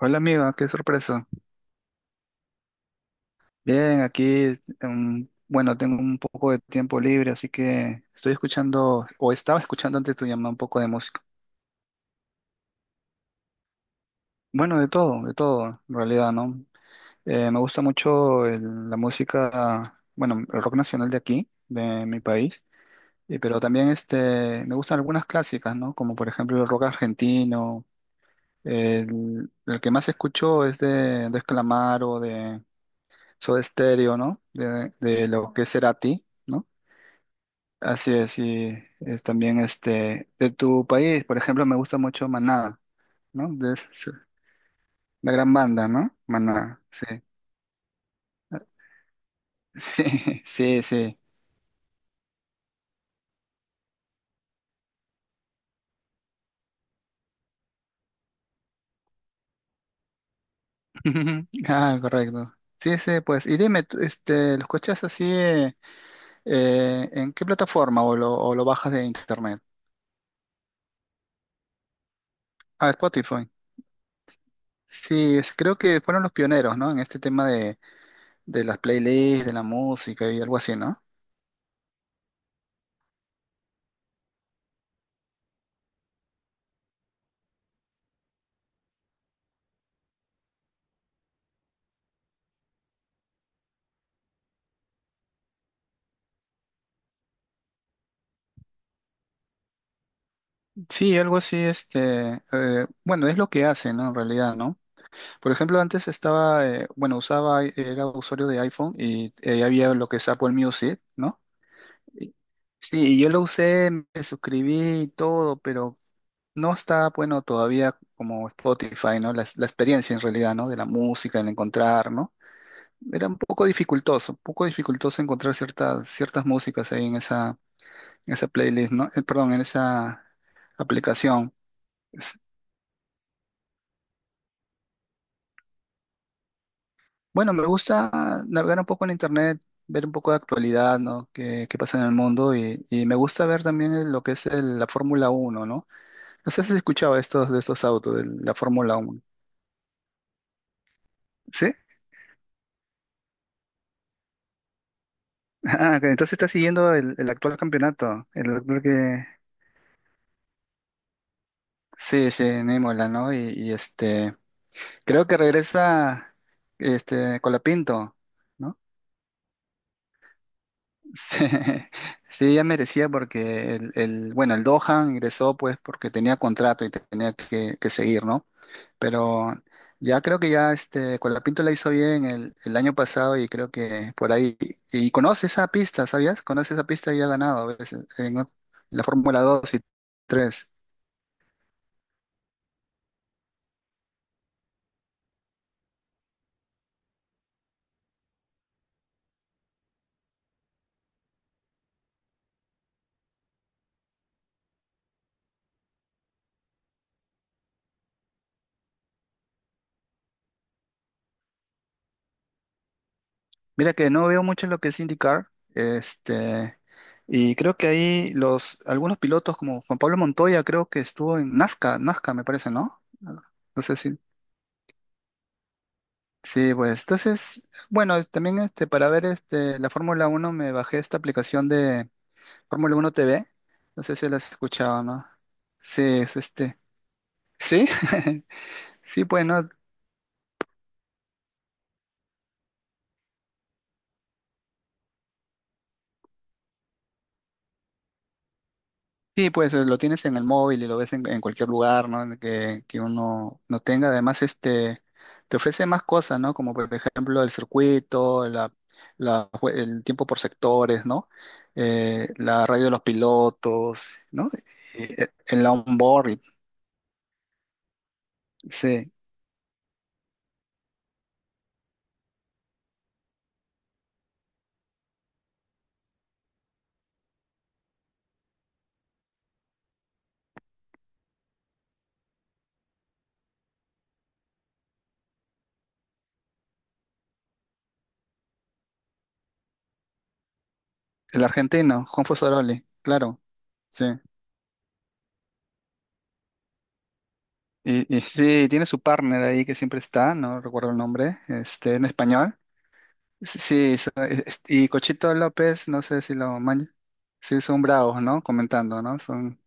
Hola amiga, qué sorpresa. Bien, aquí, bueno, tengo un poco de tiempo libre, así que estoy escuchando, o estaba escuchando antes de tu llamada un poco de música. Bueno, de todo, en realidad, ¿no? Me gusta mucho la música, bueno, el rock nacional de aquí, de mi país, pero también este, me gustan algunas clásicas, ¿no? Como por ejemplo el rock argentino. El que más escucho es de Calamaro, de Soda Stereo, ¿no? De lo que es Cerati. ¿No? Así es, y es también este de tu país, por ejemplo, me gusta mucho Maná, ¿no? De es la gran banda, ¿no? Maná, sí. Sí, sí, sí. Ah, correcto. Sí, sí, pues. Y dime, tú, este, ¿lo escuchas así en qué plataforma o o lo bajas de internet? Ah, Spotify. Sí, creo que fueron los pioneros, ¿no? En este tema de las playlists, de la música y algo así, ¿no? Sí, algo así, este, bueno, es lo que hacen, ¿no? En realidad, ¿no? Por ejemplo, antes estaba, bueno, usaba, era usuario de iPhone y había lo que es Apple Music, ¿no? Y- Sí, y yo lo usé, me suscribí y todo, pero no está, bueno, todavía como Spotify, ¿no? La experiencia en realidad, ¿no? De la música, el encontrar, ¿no? Era un poco dificultoso encontrar ciertas, ciertas músicas ahí en esa playlist, ¿no? Perdón, en esa aplicación. Bueno, me gusta navegar un poco en internet, ver un poco de actualidad, ¿no? Qué, qué pasa en el mundo y me gusta ver también lo que es la Fórmula Uno, ¿no? No sé si has escuchado estos, de estos autos, de la Fórmula Uno. ¿Sí? Ah, ok, entonces estás siguiendo el actual campeonato, el actual que... Sí, sí, en ¿no? Y, este, creo que regresa este, Colapinto, ¿no? Sí, sí, ya merecía porque bueno, el Dohan ingresó pues porque tenía contrato y tenía que seguir, ¿no? Pero ya creo que ya este Colapinto la hizo bien el año pasado y creo que por ahí, y conoce esa pista, ¿sabías? Conoce esa pista y ha ganado a veces en, en la Fórmula 2 y 3. Mira que no veo mucho lo que es indicar este, y creo que ahí los, algunos pilotos como Juan Pablo Montoya creo que estuvo en Nazca, Nazca me parece, ¿no? No sé si, sí, pues, entonces, bueno, también este, para ver este, la Fórmula Uno me bajé esta aplicación de Fórmula 1 TV, no sé si la has escuchado, ¿no? Sí, es este, sí, sí, pues, ¿no? Sí, pues lo tienes en el móvil y lo ves en cualquier lugar, ¿no? En que uno no tenga. Además, este, te ofrece más cosas, ¿no? Como por ejemplo el circuito, la, el tiempo por sectores, ¿no? La radio de los pilotos, ¿no? Y, el onboard, sí. El argentino, Juan Fusoroli, claro, sí. Y sí, tiene su partner ahí que siempre está, no recuerdo el nombre, este, en español. Sí, y Cochito López, no sé si lo maña. Sí, son bravos, ¿no? Comentando, ¿no? Son...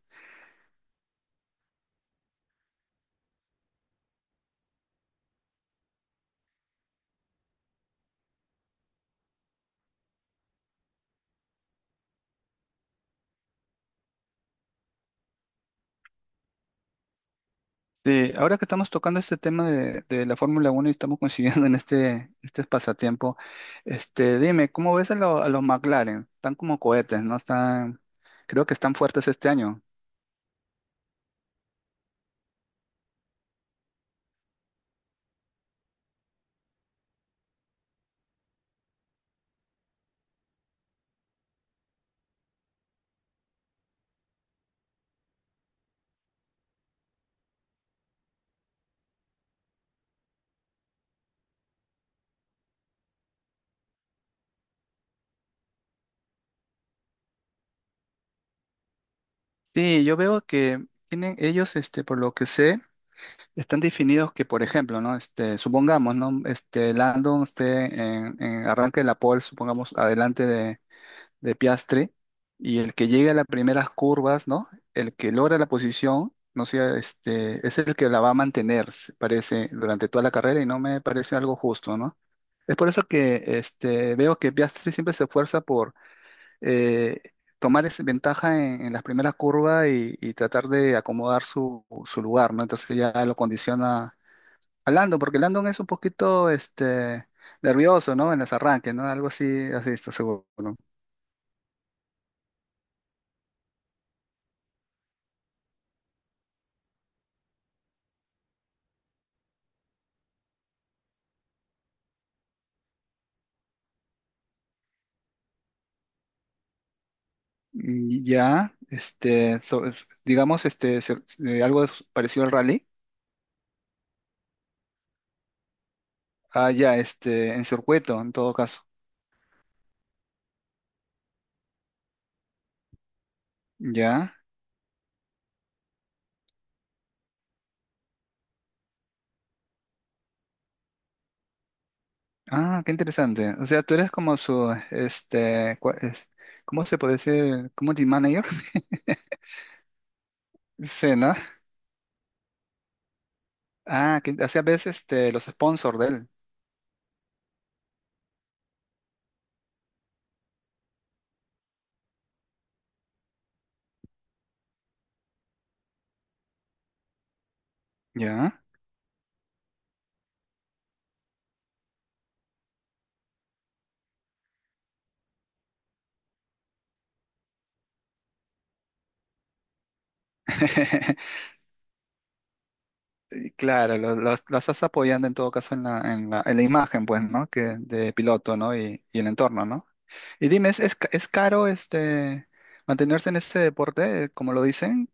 Sí, ahora que estamos tocando este tema de la Fórmula Uno y estamos coincidiendo en este, este pasatiempo, este, dime, ¿cómo ves a, a los McLaren? Están como cohetes, ¿no? Están, creo que están fuertes este año. Sí, yo veo que tienen ellos, este, por lo que sé, están definidos que, por ejemplo, ¿no? Este, supongamos, ¿no? Este, Landon esté en arranque de la pole, supongamos, adelante de Piastre y el que llegue a las primeras curvas, ¿no? El que logra la posición, no sea, este, es el que la va a mantener, se parece, durante toda la carrera y no me parece algo justo, ¿no? Es por eso que este, veo que Piastri siempre se esfuerza por eh, tomar esa ventaja en las primeras curvas y tratar de acomodar su, su lugar, ¿no? Entonces ya lo condiciona a Landon, porque Landon es un poquito este, nervioso, ¿no? En los arranques, ¿no? Algo así, así, esto, seguro. ¿No? Mm, ya, este, digamos, este, algo parecido al rally. Ah, ya, este, en circuito, en todo caso. Ya. Ah, qué interesante. O sea, tú eres como su, este, ¿cómo se puede decir? Community manager. Sí, ¿no? Ah, que hace a veces, este, los sponsors de él. Ya. Y claro, los, las estás apoyando en todo caso en la, en la, en la imagen, pues, ¿no? Que de piloto, ¿no? Y el entorno, ¿no? Y dime, es, es caro este mantenerse en este deporte, como lo dicen?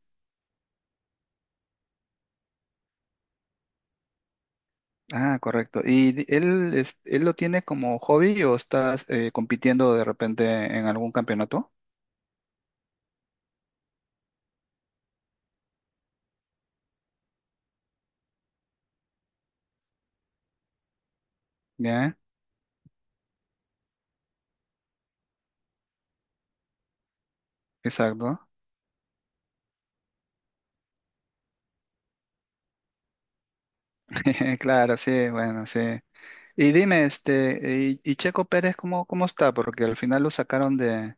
Ah, correcto. ¿Y él, él lo tiene como hobby o estás compitiendo de repente en algún campeonato? Ya, exacto. Claro, sí, bueno, sí. Y dime, este, y Checo Pérez, ¿cómo, cómo está? Porque al final lo sacaron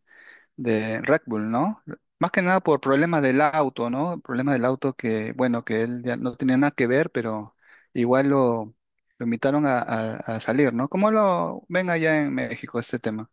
de Red Bull, ¿no? Más que nada por problemas del auto, ¿no? Problemas del auto que, bueno, que él ya no tenía nada que ver, pero igual lo invitaron a, a salir, ¿no? ¿Cómo lo ven allá en México este tema?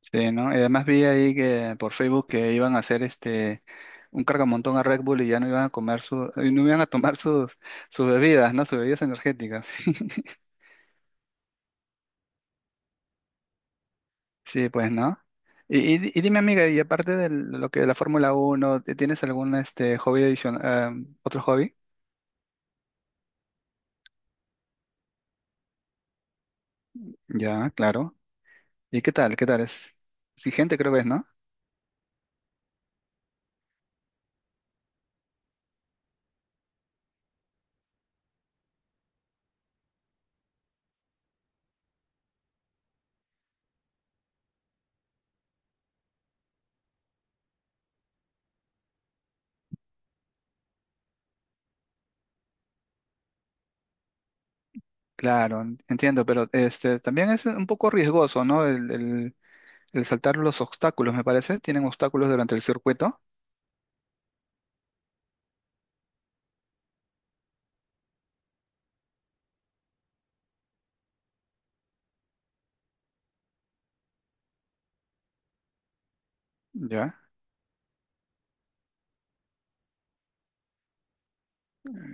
Sí, ¿no? Y además vi ahí que por Facebook que iban a hacer este un cargamontón a Red Bull y ya no iban a comer su, y no iban a tomar sus, sus bebidas, ¿no? Sus bebidas energéticas. Sí, pues, ¿no? Y, y dime, amiga, y aparte de lo que de la Fórmula Uno, ¿tienes algún este hobby adicional, otro hobby? Ya, claro. ¿Y qué tal? ¿Qué tal es? Exigente creo que es, ¿no? Claro, entiendo, pero este también es un poco riesgoso, ¿no? El saltar los obstáculos, me parece. Tienen obstáculos durante el circuito. Ya.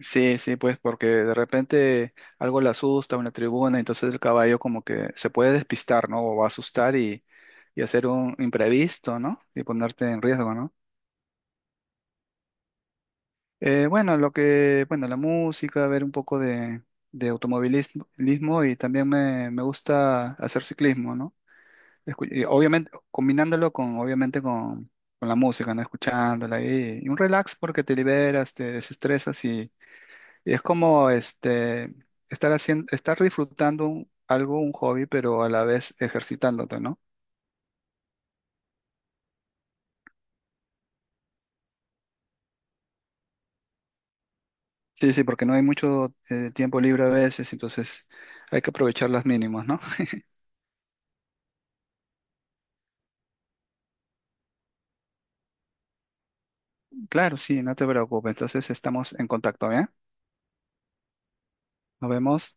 Sí, sí, pues porque de repente algo le asusta, una tribuna, entonces el caballo como que se puede despistar, ¿no? O va a asustar y hacer un imprevisto, ¿no? Y ponerte en riesgo, ¿no? Bueno, lo que, bueno, la música, ver un poco de automovilismo lismo, y también me gusta hacer ciclismo, ¿no? Y obviamente, combinándolo con, obviamente con la música, ¿no? Escuchándola y un relax porque te liberas, te desestresas. Y es como este, estar haciendo, estar disfrutando algo, un hobby, pero a la vez ejercitándote, ¿no? Sí, sí, porque no hay mucho tiempo libre a veces, entonces hay que aprovechar las mínimas, ¿no? Claro, sí, no te preocupes. Entonces estamos en contacto, ¿bien? Nos vemos.